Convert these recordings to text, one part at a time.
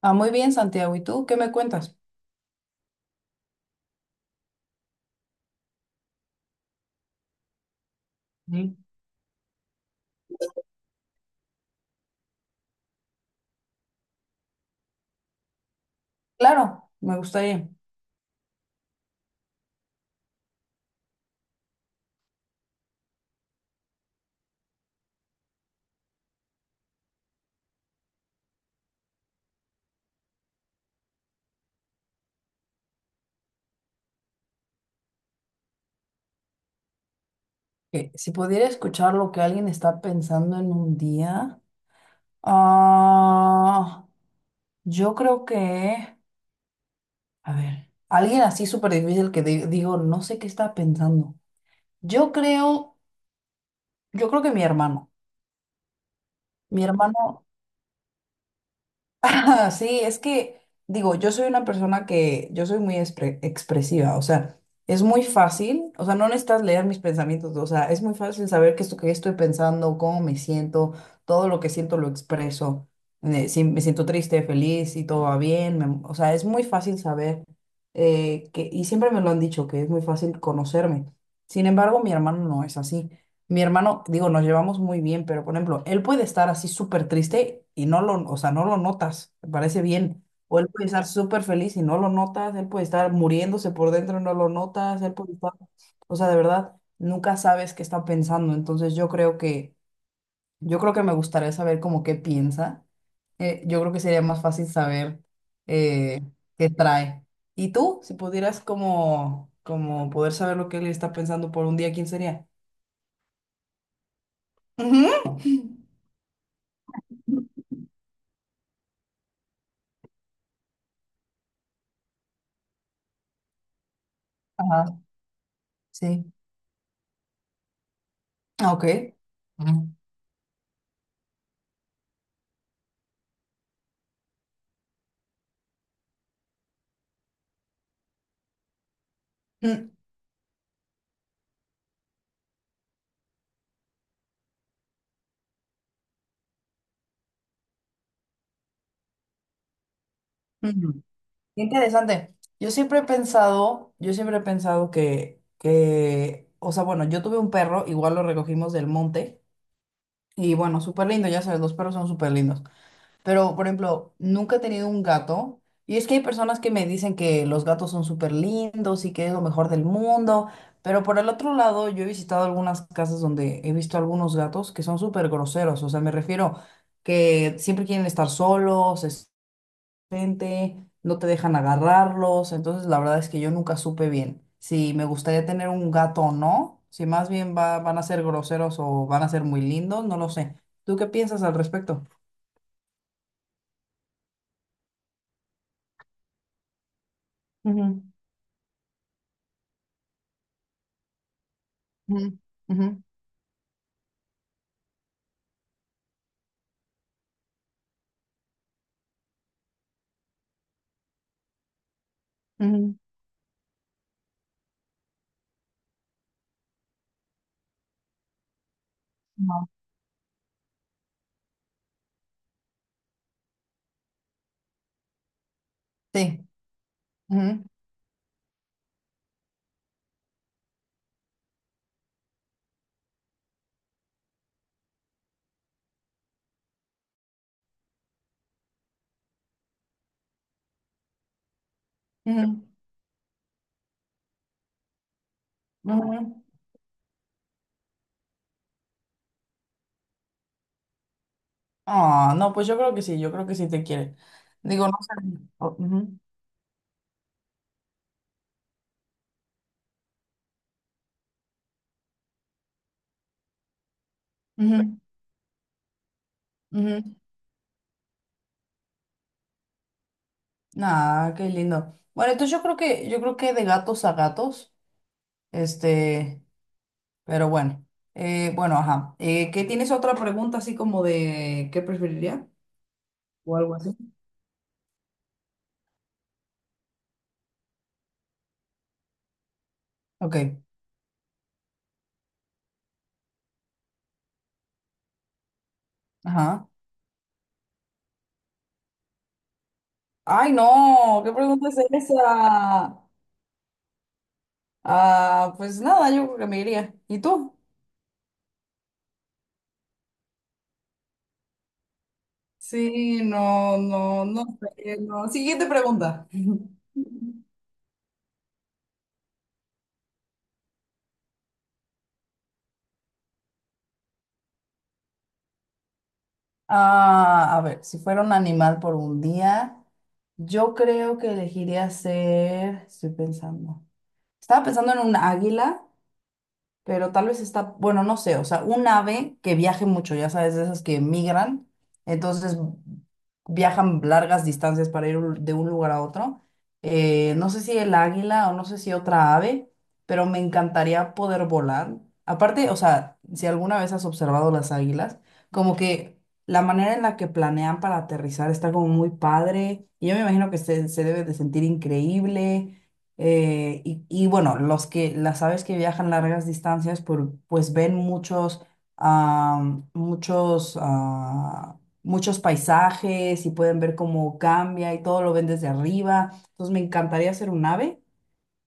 Muy bien, Santiago. ¿Y tú qué me cuentas? Sí. Claro, me gustaría que si pudiera escuchar lo que alguien está pensando en un día, ah, yo creo que, a ver, alguien así súper difícil que digo, no sé qué está pensando. Yo creo, yo creo que mi hermano, mi hermano. Sí, es que, digo, yo soy una persona que, yo soy muy expresiva, o sea, es muy fácil, o sea, no necesitas leer mis pensamientos, o sea, es muy fácil saber qué es lo que estoy pensando, cómo me siento, todo lo que siento lo expreso, si me siento triste, feliz, si todo va bien, o sea, es muy fácil saber, y siempre me lo han dicho, que es muy fácil conocerme. Sin embargo, mi hermano no es así. Mi hermano, digo, nos llevamos muy bien, pero por ejemplo, él puede estar así súper triste y o sea, no lo notas, me parece bien. O él puede estar súper feliz y no lo notas, él puede estar muriéndose por dentro y no lo notas, o sea, de verdad, nunca sabes qué está pensando. Yo creo que me gustaría saber como qué piensa. Yo creo que sería más fácil saber eh, qué trae. ¿Y tú, si pudieras como, como poder saber lo que él está pensando por un día, quién sería? Ujú. Ajá. Sí. Ah, ok. Ujú. Mm, mm. Interesante. Yo siempre he pensado o sea, bueno, yo tuve un perro, igual lo recogimos del monte, y bueno, súper lindo, ya sabes, los perros son súper lindos. Pero, por ejemplo, nunca he tenido un gato. Y es que hay personas que me dicen que los gatos son súper lindos y que es lo mejor del mundo. Pero por el otro lado, yo he visitado algunas casas donde he visto algunos gatos que son súper groseros. O sea, me refiero que siempre quieren estar solos, es gente, no te dejan agarrarlos. Entonces, la verdad es que yo nunca supe bien si me gustaría tener un gato o no. Si más bien van a ser groseros o van a ser muy lindos, no lo sé. ¿Tú qué piensas al respecto? Ujú. Ujú, ujú, ujú. No, Sí. ujú, ujú, ujú. Ah, no, pues yo creo que sí, yo creo que sí te quiere. Digo, no sé. Ujú, ujú, ujú. Nah, qué lindo. Bueno, yo creo que de gatos a gatos, este, pero bueno. Bueno, ajá. ¿Qué tienes otra pregunta así como de qué preferiría? O algo así. Ok, ajá. Ay, no, ¿qué pregunta es esa? Ah, pues nada, yo creo que me iría. ¿Y tú? Sí, no sé, no. Siguiente pregunta. Ah, a ver, si fuera un animal por un día, yo creo que estoy pensando, estaba pensando en un águila, pero tal vez está, bueno, no sé, o sea, un ave que viaje mucho, ya sabes, de esas que migran, entonces viajan largas distancias para ir de un lugar a otro. No sé si el águila o no sé si otra ave, pero me encantaría poder volar. Aparte, o sea, si alguna vez has observado las águilas, como que la manera en la que planean para aterrizar está como muy padre, y yo me imagino que se debe de sentir increíble. Y bueno, las aves que viajan largas distancias, pues ven muchos, muchos paisajes y pueden ver cómo cambia y todo lo ven desde arriba. Entonces me encantaría ser un ave.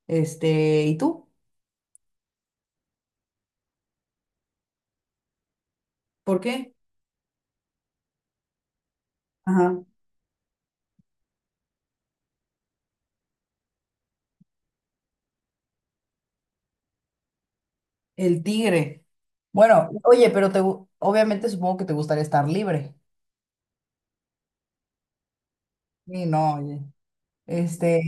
Este, ¿y tú? ¿Por qué? Ajá, el tigre. Bueno, oye, obviamente supongo que te gustaría estar libre. Sí, no, oye. Este,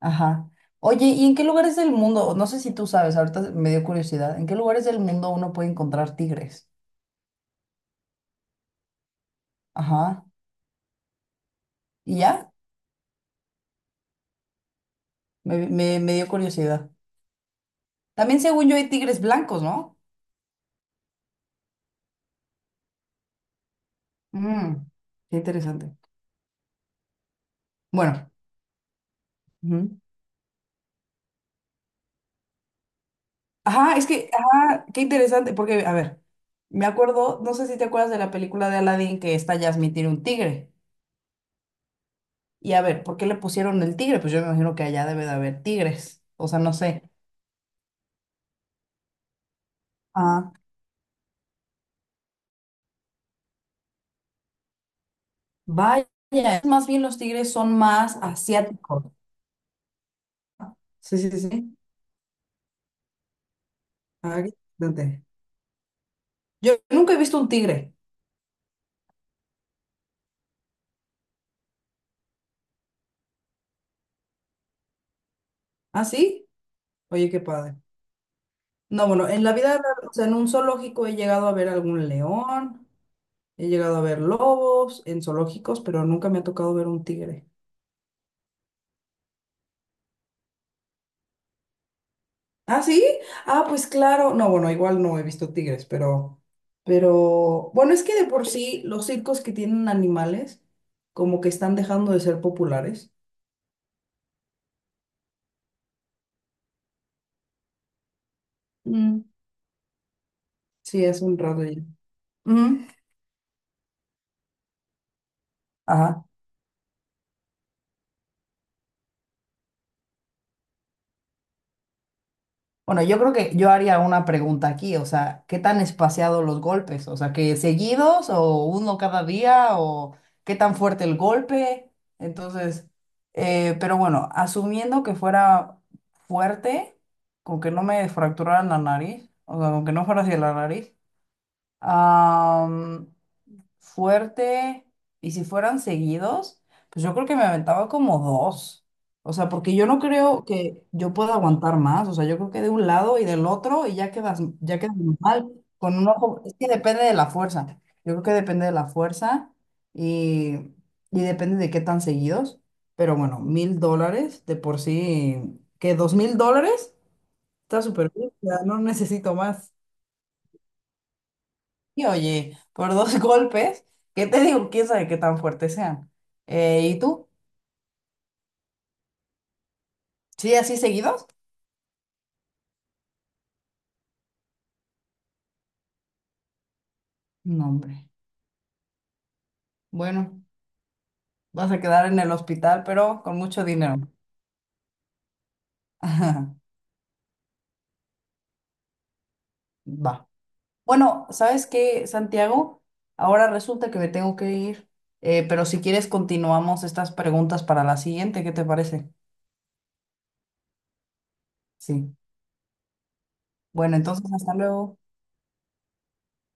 Ajá. Oye, ¿y en qué lugares del mundo? No sé si tú sabes, ahorita me dio curiosidad. ¿En qué lugares del mundo uno puede encontrar tigres? Ajá. ¿Y ya? Me dio curiosidad. También según yo hay tigres blancos, ¿no? Mm, qué interesante. Bueno. Ujú. Ajá, es que, ajá, qué interesante, porque, a ver, me acuerdo, no sé si te acuerdas de la película de Aladdin que esta Jasmine tiene un tigre. Y a ver, ¿por qué le pusieron el tigre? Pues yo me imagino que allá debe de haber tigres. O sea, no sé. Vaya, más bien los tigres son más asiáticos. Sí, sí, sí. Ah, qué interesante. Yo nunca he visto un tigre. ¿Ah, sí? Oye, qué padre. No, bueno, o sea, en un zoológico he llegado a ver algún león, he llegado a ver lobos en zoológicos, pero nunca me ha tocado ver un tigre. ¿Ah, sí? Ah, pues claro. No, bueno, igual no he visto tigres, pero, bueno, es que de por sí los circos que tienen animales como que están dejando de ser populares. Mm. Sí, es un rato ya. Ujú. Ajá. Bueno, yo creo que yo haría una pregunta aquí, o sea, ¿qué tan espaciados los golpes? O sea, ¿que seguidos o uno cada día o qué tan fuerte el golpe? Entonces, pero bueno, asumiendo que fuera fuerte, con que no me fracturara la nariz, o sea, con que no fuera hacia la nariz, fuerte y si fueran seguidos, pues yo creo que me aventaba como dos. O sea, porque yo no creo que yo pueda aguantar más. O sea, yo creo que de un lado y del otro y ya quedas mal con un ojo. Es que depende de la fuerza. Yo creo que depende de la fuerza y, y depende de qué tan seguidos. Pero bueno, $1,000 de por sí, que $2,000 está súper bien. O sea, no necesito más. Y oye, por dos golpes, ¿qué te digo? ¿Quién sabe qué tan fuertes sean? ¿Y tú? ¿Sí, así seguidos? No, hombre. Bueno, vas a quedar en el hospital, pero con mucho dinero. Ajá, Va. Bueno, ¿sabes qué, Santiago? Ahora resulta que me tengo que ir, pero si quieres continuamos estas preguntas para la siguiente, ¿qué te parece? Sí. Bueno, entonces hasta luego.